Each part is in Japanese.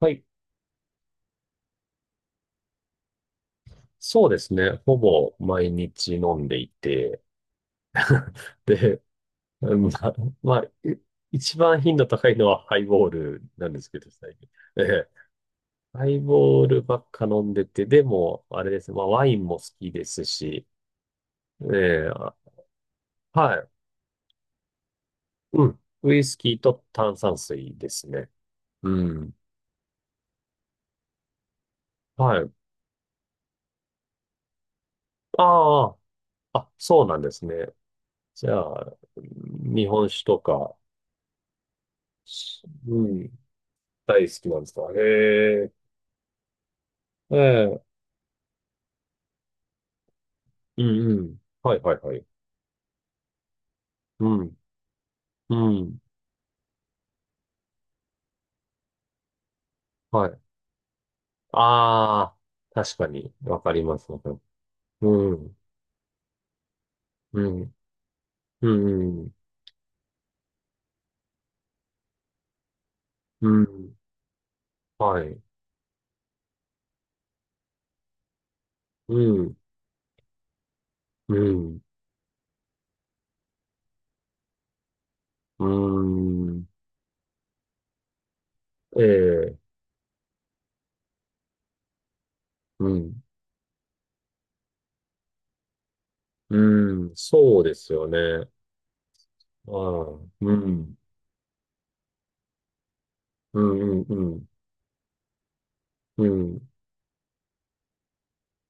はい。そうですね。ほぼ毎日飲んでいて。で、うんまあ、まあ、い一番頻度高いのはハイボールなんですけど、最近。ええハイボールばっか飲んでて、でも、あれですね。まあ、ワインも好きですし、ええあはい。うん。ウイスキーと炭酸水ですね。うん。はい。ああ、あ、そうなんですね。じゃあ、うん日本酒とか、うん、大好きなんですか。へえ。ええ、うんうん。はいはいはい。うん、うん。はい。ああ、確かに、わかります。わかるうん、うん、うん、うん。はい。うん、うん、うん。ええ、うん、うん。そうですよね。ああ、うん、うん、うん、うん、うん。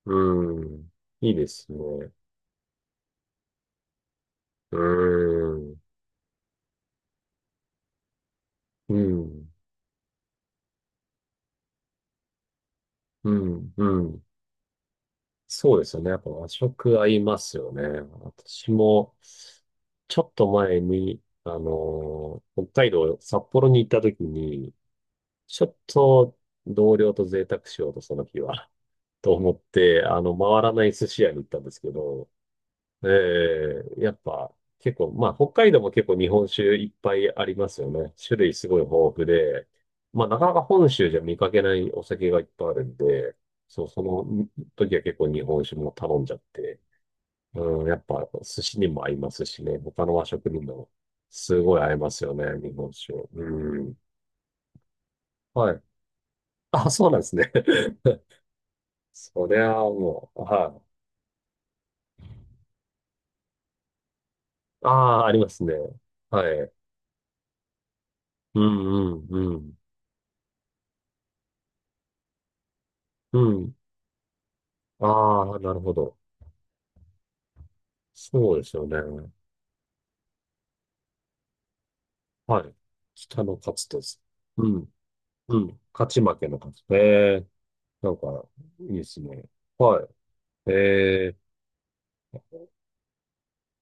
うんいいですね。うん、うん、うん、うん。そうですよね。やっぱ和食合いますよね。私も、ちょっと前に、北海道、札幌に行った時に、ちょっと同僚と贅沢しようと、その日は、と思って、あの、回らない寿司屋に行ったんですけど、ええ、やっぱ結構、まあ北海道も結構日本酒いっぱいありますよね。種類すごい豊富で、まあなかなか本州じゃ見かけないお酒がいっぱいあるんで、そう、その時は結構日本酒も頼んじゃって、うん、やっぱ寿司にも合いますしね、他の和食にもすごい合いますよね、日本酒。うん。はい。あ、そうなんですね。そりゃあもう、はい。ああ、ありますね。はい。うんうんうん。うん。ああ、なるほど。そうですよね。はい。北の勝つです。うん。うん。勝ち負けの勝つ。ええ、なんか、いいですね。はい。ええ、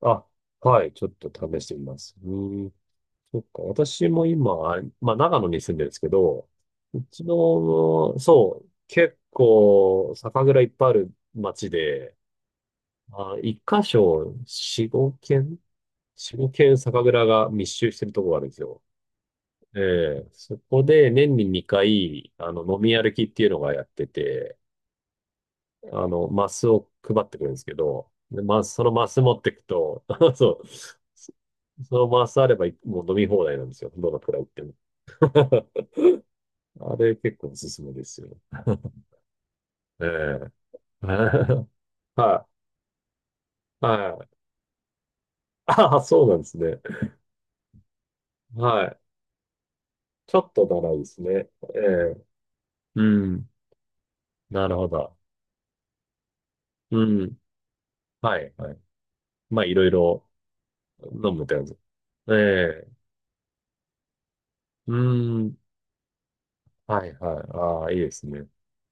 あ、はい。ちょっと試してみます。うん。そっか。私も今、まあ、長野に住んでるんですけど、うちの、そう、結構、酒蔵いっぱいある町で、まあ、一箇所、四五軒酒蔵が密集してるところがあるんですよ。ええ、そこで年に2回、あの、飲み歩きっていうのがやってて、あの、マスを配ってくるんですけど、で、まそのマス持ってくと、そう、そそのマスあれば、もう飲み放題なんですよ。どのくらい行っても。あれ結構おすすめですよ。ええ。はい。はい。ああ、そうなんですね。はい。ちょっと長いですね。ええ。うん。なるほど。うん。はい。はい。まあ、いろいろ飲むって感じ。ええ。うーん。はいはい。ああ、いいですね。う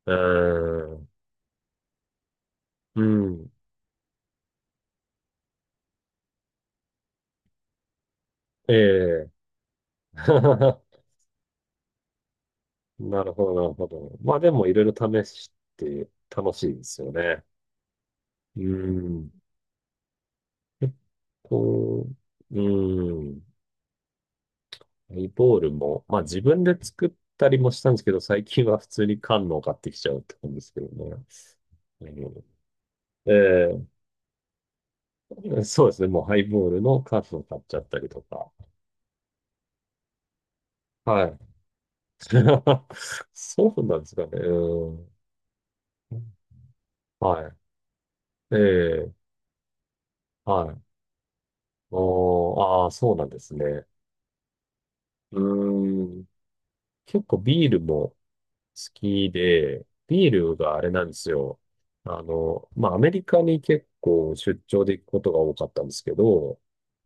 ーん。うん。ええ。なるほど、なるほど。まあでもいろいろ試して楽しいですよね。うーん。結構、うーん。ハイボールも、まあ自分で作ったりもしたんですけど、最近は普通に缶のを買ってきちゃうって感じですけどね。うんええそうですね。もうハイボールの缶を買っちゃったりとか。はい。そうなんですかね。うん。はい。ええ、はい。おー、ああ、そうなんですね。うーん。結構ビールも好きで、ビールがあれなんですよ。あの、まあ、アメリカに結構出張で行くことが多かったんですけど、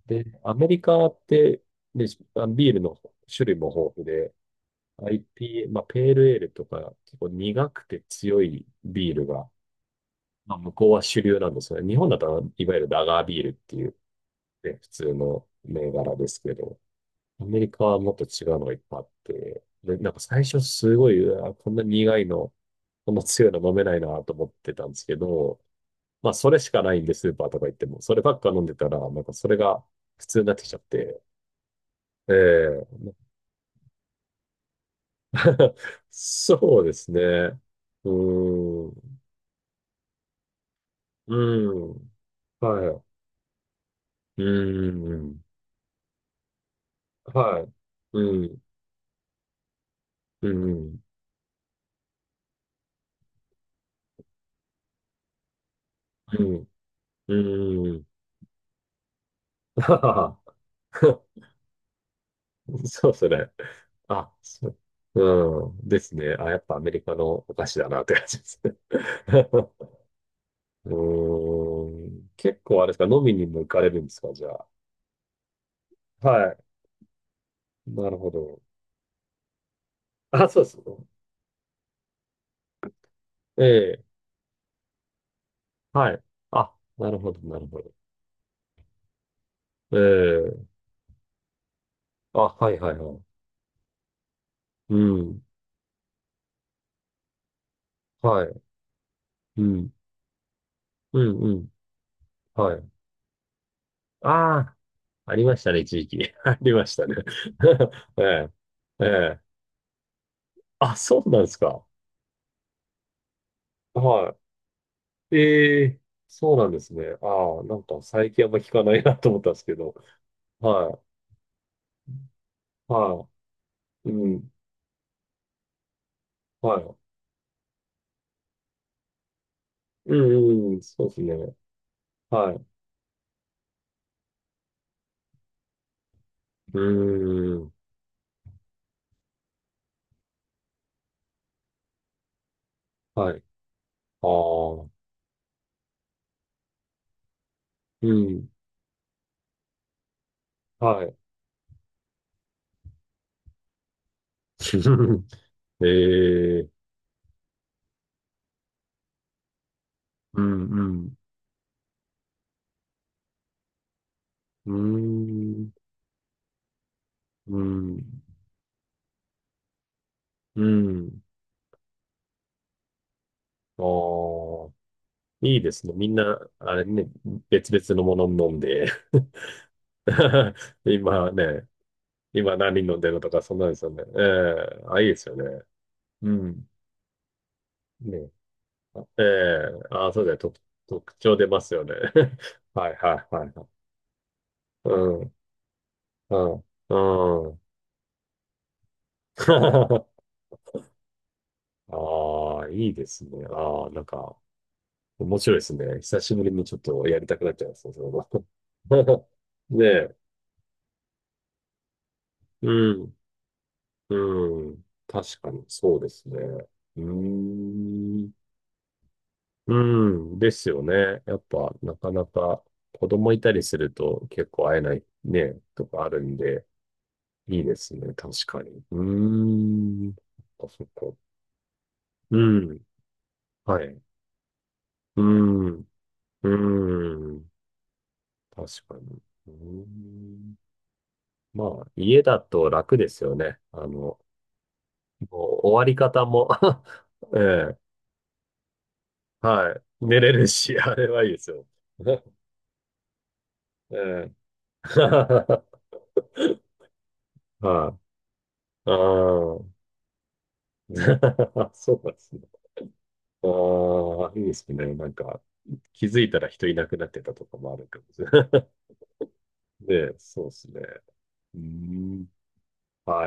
で、アメリカって、で、あビールの種類も豊富で、IPA、まあ、ペールエールとか、結構苦くて強いビールが、まあ、向こうは主流なんですよね。日本だと、いわゆるラガービールっていう、ね、普通の銘柄ですけど、アメリカはもっと違うのがいっぱいあって、で、なんか最初すごい、うわこんな苦いの、こんな強いの飲めないなと思ってたんですけど、まあ、それしかないんで、スーパーとか行っても、そればっか飲んでたら、なんかそれが普通になってきちゃって、ええ そうですね。うーん、うーん、はい、うーん、はい、うん、うん、うん。うーん。ああ、そう、それ。あ、そう。うん。ですね。あ、やっぱアメリカのお菓子だなって感じですね。うーん。結構あれですか、飲みにも行かれるんですか、じゃあ。はい。なるほど。あ、そうです。ええ。はい。あ、なるほど、なるほど。ええ。あ、はい、はい、はい。うん。はい。うん。うん、うん。はい。ああ、ありましたね、一時期。ありましたね。ええ。ええ。あ、そうなんですか。はい。ええ、そうなんですね。ああ、なんか最近あんま聞かないなと思ったんですけど。はい。はい。うん。はい。うんうん、そうですね。はい。うーん。はい。ああ。うん。はい。ええ、うん、うん、うーん、うん、うん。ああ、いいですね。みんな、あれね、別々のもの飲んで 今ね、今何飲んでるのとか、そんなんですよね。ええあ、いいですよね。うん。ね。あええあ、そうだよ。特、特徴出ますよね。はいはいはいはい。うん、うん、うん。ああ、いいですね。ああ、なんか、面白いですね。久しぶりにちょっとやりたくなっちゃいますね、それは ねえ、うん、うん。確かに、そうですね。うーん。うん、ですよね。やっぱ、なかなか子供いたりすると結構会えないね、とかあるんで、いいですね。確かに。うーん。あ、そっか。うん。はい。うん。うん。確かに。うん。まあ、家だと楽ですよね。あの、もう終わり方も ええ、はい。寝れるし、あれはいいですよ。ええ。はい。ああ。そうなんですね。ああ、いいですね。なんか、気づいたら人いなくなってたとかもあるかもしれない。で、そうですね。うーん。はい